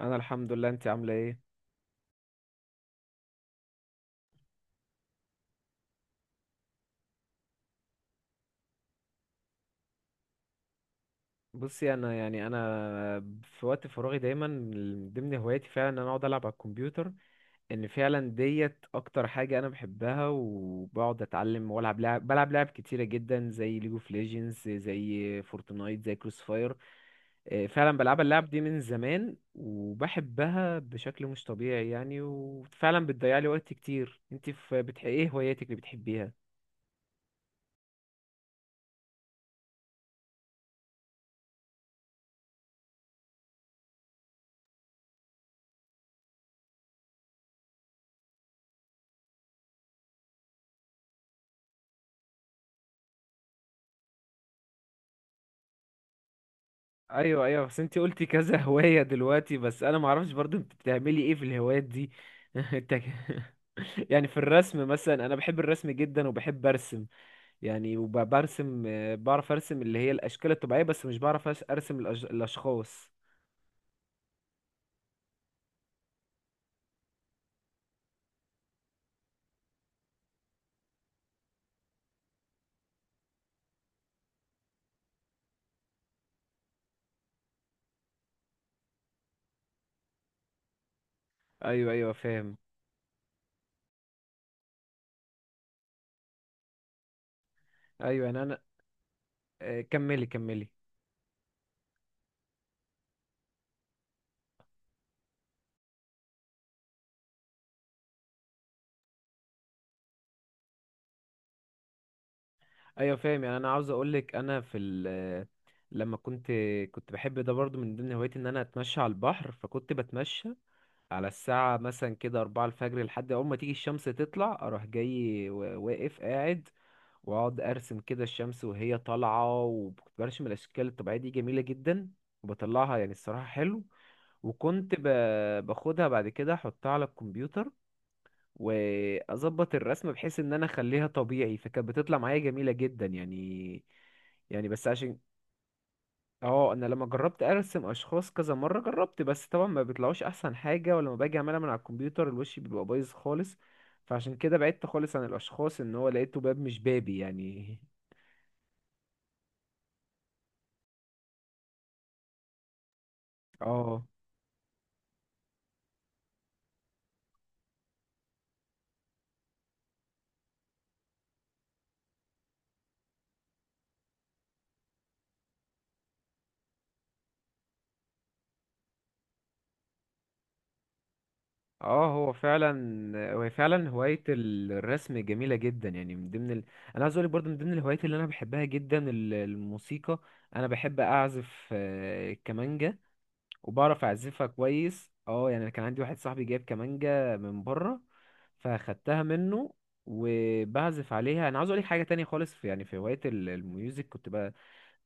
انا الحمد لله، انت عامله ايه؟ بصي، يعني انا في وقت فراغي دايما من ضمن هواياتي فعلا ان انا اقعد العب على الكمبيوتر. ان فعلا ديت اكتر حاجه انا بحبها، وبقعد اتعلم والعب بلعب لعب كتيره جدا، زي ليج اوف ليجندز، زي فورتنايت، زي كروس فاير. فعلا بلعب اللعب دي من زمان وبحبها بشكل مش طبيعي يعني، وفعلا بتضيع لي وقت كتير. ايه هواياتك اللي بتحبيها؟ ايوه ايوه، بس انت قلتي كذا هوايه دلوقتي، بس انا ما اعرفش برضو انت بتعملي ايه في الهوايات دي. انت ك- يعني في الرسم مثلا، انا بحب الرسم جدا وبحب ارسم يعني وبرسم. بعرف ارسم اللي هي الاشكال الطبيعيه، بس مش بعرف ارسم الاشخاص. ايوه ايوه فاهم. ايوه يعني انا، كملي كملي. ايوه فاهم، يعني انا عاوز اقولك لما كنت بحب ده برضو من ضمن هوايتي ان انا اتمشى على البحر. فكنت بتمشى على الساعة مثلا كده 4 الفجر لحد أول ما تيجي الشمس تطلع، أروح جاي واقف قاعد وأقعد أرسم كده الشمس وهي طالعة. وكنت برسم الأشكال الطبيعية دي جميلة جدا وبطلعها، يعني الصراحة حلو. وكنت باخدها بعد كده أحطها على الكمبيوتر، وأظبط الرسمة بحيث إن أنا أخليها طبيعي، فكانت بتطلع معايا جميلة جدا يعني. يعني بس عشان، اه انا لما جربت ارسم اشخاص كذا مره جربت، بس طبعا ما بيطلعوش احسن حاجه. ولما باجي اعملها من على الكمبيوتر الوش بيبقى بايظ خالص، فعشان كده بعدت خالص عن الاشخاص، ان هو لقيته باب مش بابي يعني. اه اه، هو فعلا هوايه الرسم جميله جدا، يعني انا عايز اقولك برضو من ضمن الهوايات اللي انا بحبها جدا الموسيقى. انا بحب اعزف كمانجا وبعرف اعزفها كويس. اه يعني، كان عندي واحد صاحبي جايب كمانجة من بره، فاخدتها منه وبعزف عليها. انا عاوز اقول لك حاجه تانية خالص، يعني في هوايه الميوزك،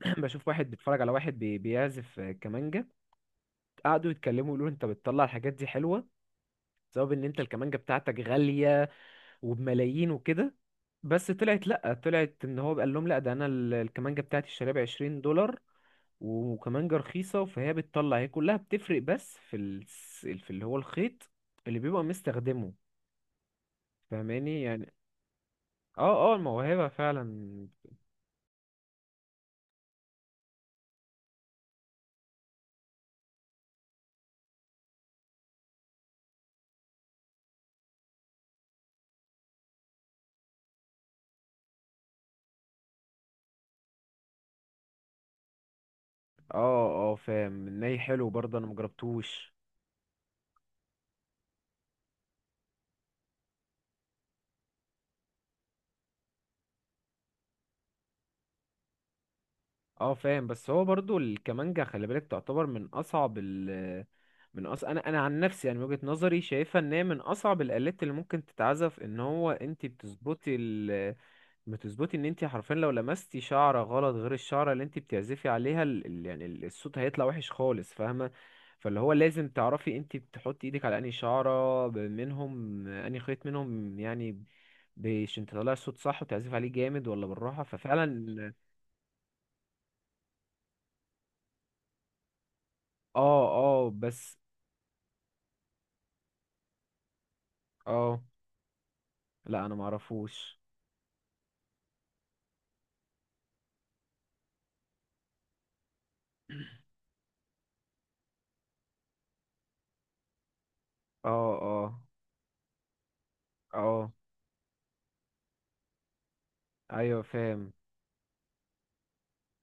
بشوف واحد بيتفرج على واحد بيعزف كمانجه. قعدوا يتكلموا يقولوا انت بتطلع الحاجات دي حلوه بسبب ان انت الكمانجه بتاعتك غاليه وبملايين وكده. بس طلعت، لا، طلعت ان هو قال لهم لا، ده انا الكمانجه بتاعتي اشتريها ب 20 دولار وكمانجة رخيصة، فهي بتطلع. هي كلها بتفرق بس في اللي هو الخيط اللي بيبقى مستخدمه، فاهماني يعني. اه اه الموهبة فعلا. اه اه فاهم، ناي حلو برضه انا مجربتوش. اه فاهم، بس هو برضه الكمانجة خلي بالك تعتبر من اصعب انا عن نفسي يعني، من وجهة نظري شايفها ان هي من اصعب الالات اللي ممكن تتعزف. ان هو انت بتظبطي ان انت حرفيا لو لمستي شعره غلط غير الشعره اللي انت بتعزفي عليها، يعني الصوت هيطلع وحش خالص فاهمه. فاللي هو لازم تعرفي انت بتحطي ايدك على انهي شعره منهم، انهي خيط منهم يعني، عشان تطلعي الصوت صح وتعزفي عليه جامد ولا بالراحه ففعلا. اه اه، بس اه لا انا معرفوش. اه اه اه ايوه فاهم،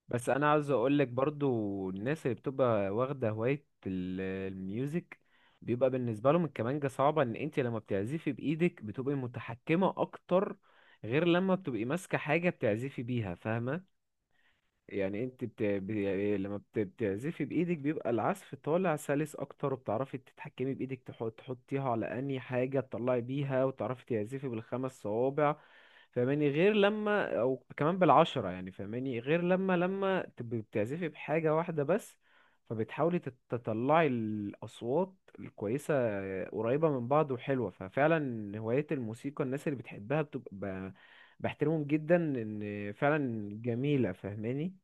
بس انا عاوز اقول لك برضو الناس اللي بتبقى واخده هوايه الميوزك بيبقى بالنسبه لهم الكمانجه صعبه. ان انت لما بتعزفي بايدك بتبقي متحكمه اكتر، غير لما بتبقي ماسكه حاجه بتعزفي بيها، فاهمه؟ يعني يعني لما بتعزفي بايدك بيبقى العزف طالع سلس اكتر، وبتعرفي تتحكمي بايدك تحطيها على اني حاجه تطلعي بيها، وتعرفي تعزفي بالخمس صوابع فاهماني، غير لما او كمان بالعشرة يعني فاهماني، غير لما تبقي بتعزفي بحاجه واحده بس، فبتحاولي تطلعي الاصوات الكويسه قريبه من بعض وحلوه. ففعلا هوايه الموسيقى الناس اللي بتحبها بتبقى بحترمهم جدا، ان فعلا جميله فاهماني.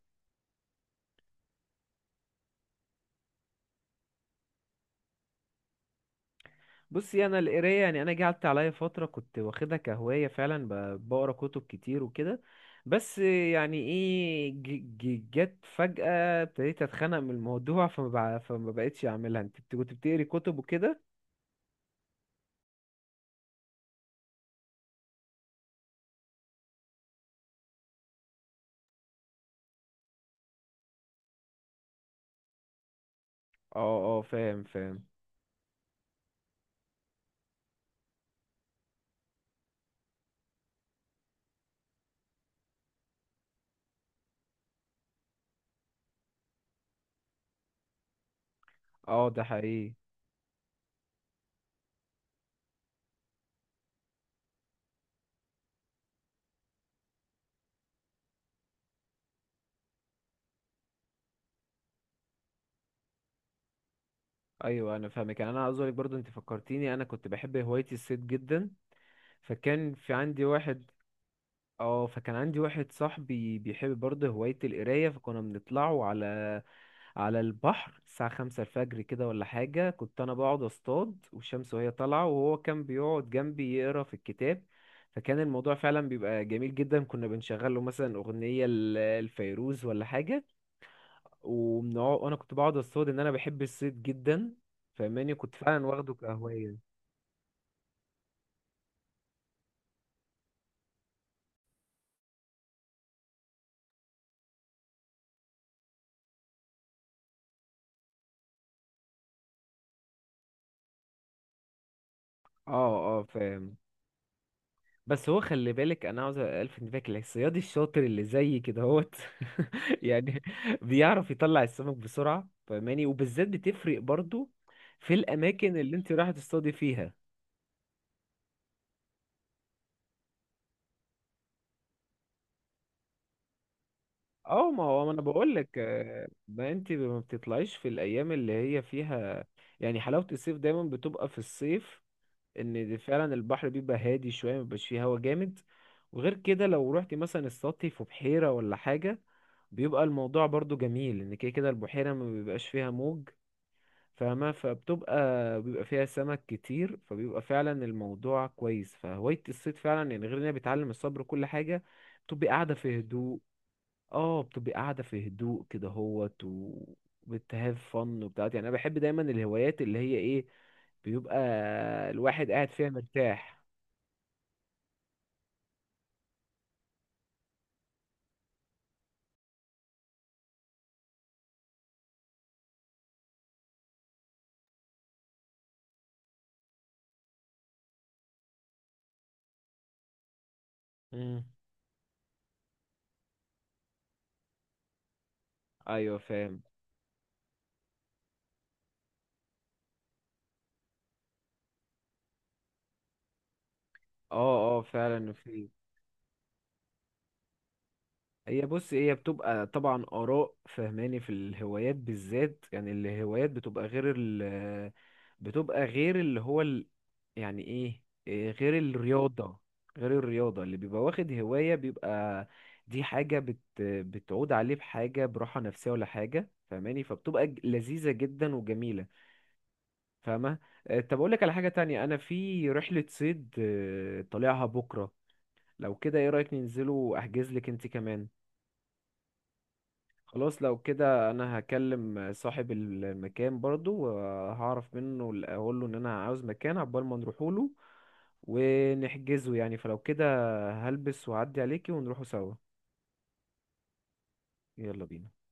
بصي انا القرايه يعني، انا جه قعدت عليا فتره كنت واخدها كهوايه فعلا بقرا كتب كتير وكده، بس يعني ايه جت فجاه ابتديت اتخنق من الموضوع، فما بقتش اعملها. كنت بتقري كتب وكده؟ اه اه فاهم فاهم. اه ده حقيقي. ايوه انا فاهمك، يعني انا عاوز اقولك برضو انت فكرتيني انا كنت بحب هوايه الصيد جدا، فكان في عندي واحد. اه، فكان عندي واحد صاحبي بيحب برضه هوايه القرايه، فكنا بنطلعوا على البحر الساعة 5 الفجر كده ولا حاجة. كنت أنا بقعد أصطاد والشمس وهي طالعة، وهو كان بيقعد جنبي يقرا في الكتاب. فكان الموضوع فعلا بيبقى جميل جدا، كنا بنشغل له مثلا أغنية لفيروز ولا حاجة، وبنقعد، وأنا كنت بقعد أصطاد. إن أنا بحب الصيد جدا فاهماني، كنت فعلا واخده كهواية. اه اه فاهم، بس هو خلي بالك انا عاوز الفت انتباهك، الصياد الشاطر اللي زي كده هوت يعني بيعرف يطلع السمك بسرعه فاهماني، وبالذات بتفرق برضو في الاماكن اللي انت رايحه تصطادي فيها. اه ما هو ما انا بقول لك، ما انت ما بتطلعيش في الايام اللي هي فيها، يعني حلاوه الصيف دايما بتبقى في الصيف ان ده فعلا البحر بيبقى هادي شويه، مبيبقاش فيه هوا جامد. وغير كده لو رحت مثلا السطح في بحيره ولا حاجه بيبقى الموضوع برضو جميل، ان كده كده البحيره ما بيبقاش فيها موج. فبتبقى، بيبقى فيها سمك كتير، فبيبقى فعلا الموضوع كويس. فهوايه الصيد فعلا يعني غير انها بتعلم الصبر وكل حاجه، بتبقى قاعده في هدوء. اه بتبقي قاعدة في هدوء كده هوت وبتهاف فن وبتاعت، يعني انا بحب دايما الهوايات اللي هي ايه، بيبقى الواحد قاعد فيها مرتاح. مم. ايوه فاهم. اه اه فعلا في. بص هي بتبقى طبعا آراء فهماني في الهوايات بالذات، يعني الهوايات بتبقى غير بتبقى غير اللي هو يعني ايه إيه، غير الرياضة. غير الرياضة اللي بيبقى واخد هواية بيبقى دي حاجة بتعود عليه بحاجة براحة نفسية ولا حاجة فهماني، فبتبقى لذيذة جدا وجميلة فاهمة. طب أقول لك على حاجة تانية، أنا في رحلة صيد طالعها بكرة، لو كده ايه رأيك ننزله وأحجز لك انت كمان؟ خلاص لو كده انا هكلم صاحب المكان برضو وهعرف منه، اقول له ان انا عاوز مكان عقبال ما نروحوا له ونحجزه يعني. فلو كده هلبس وأعدي عليكي ونروحوا سوا، يلا بينا.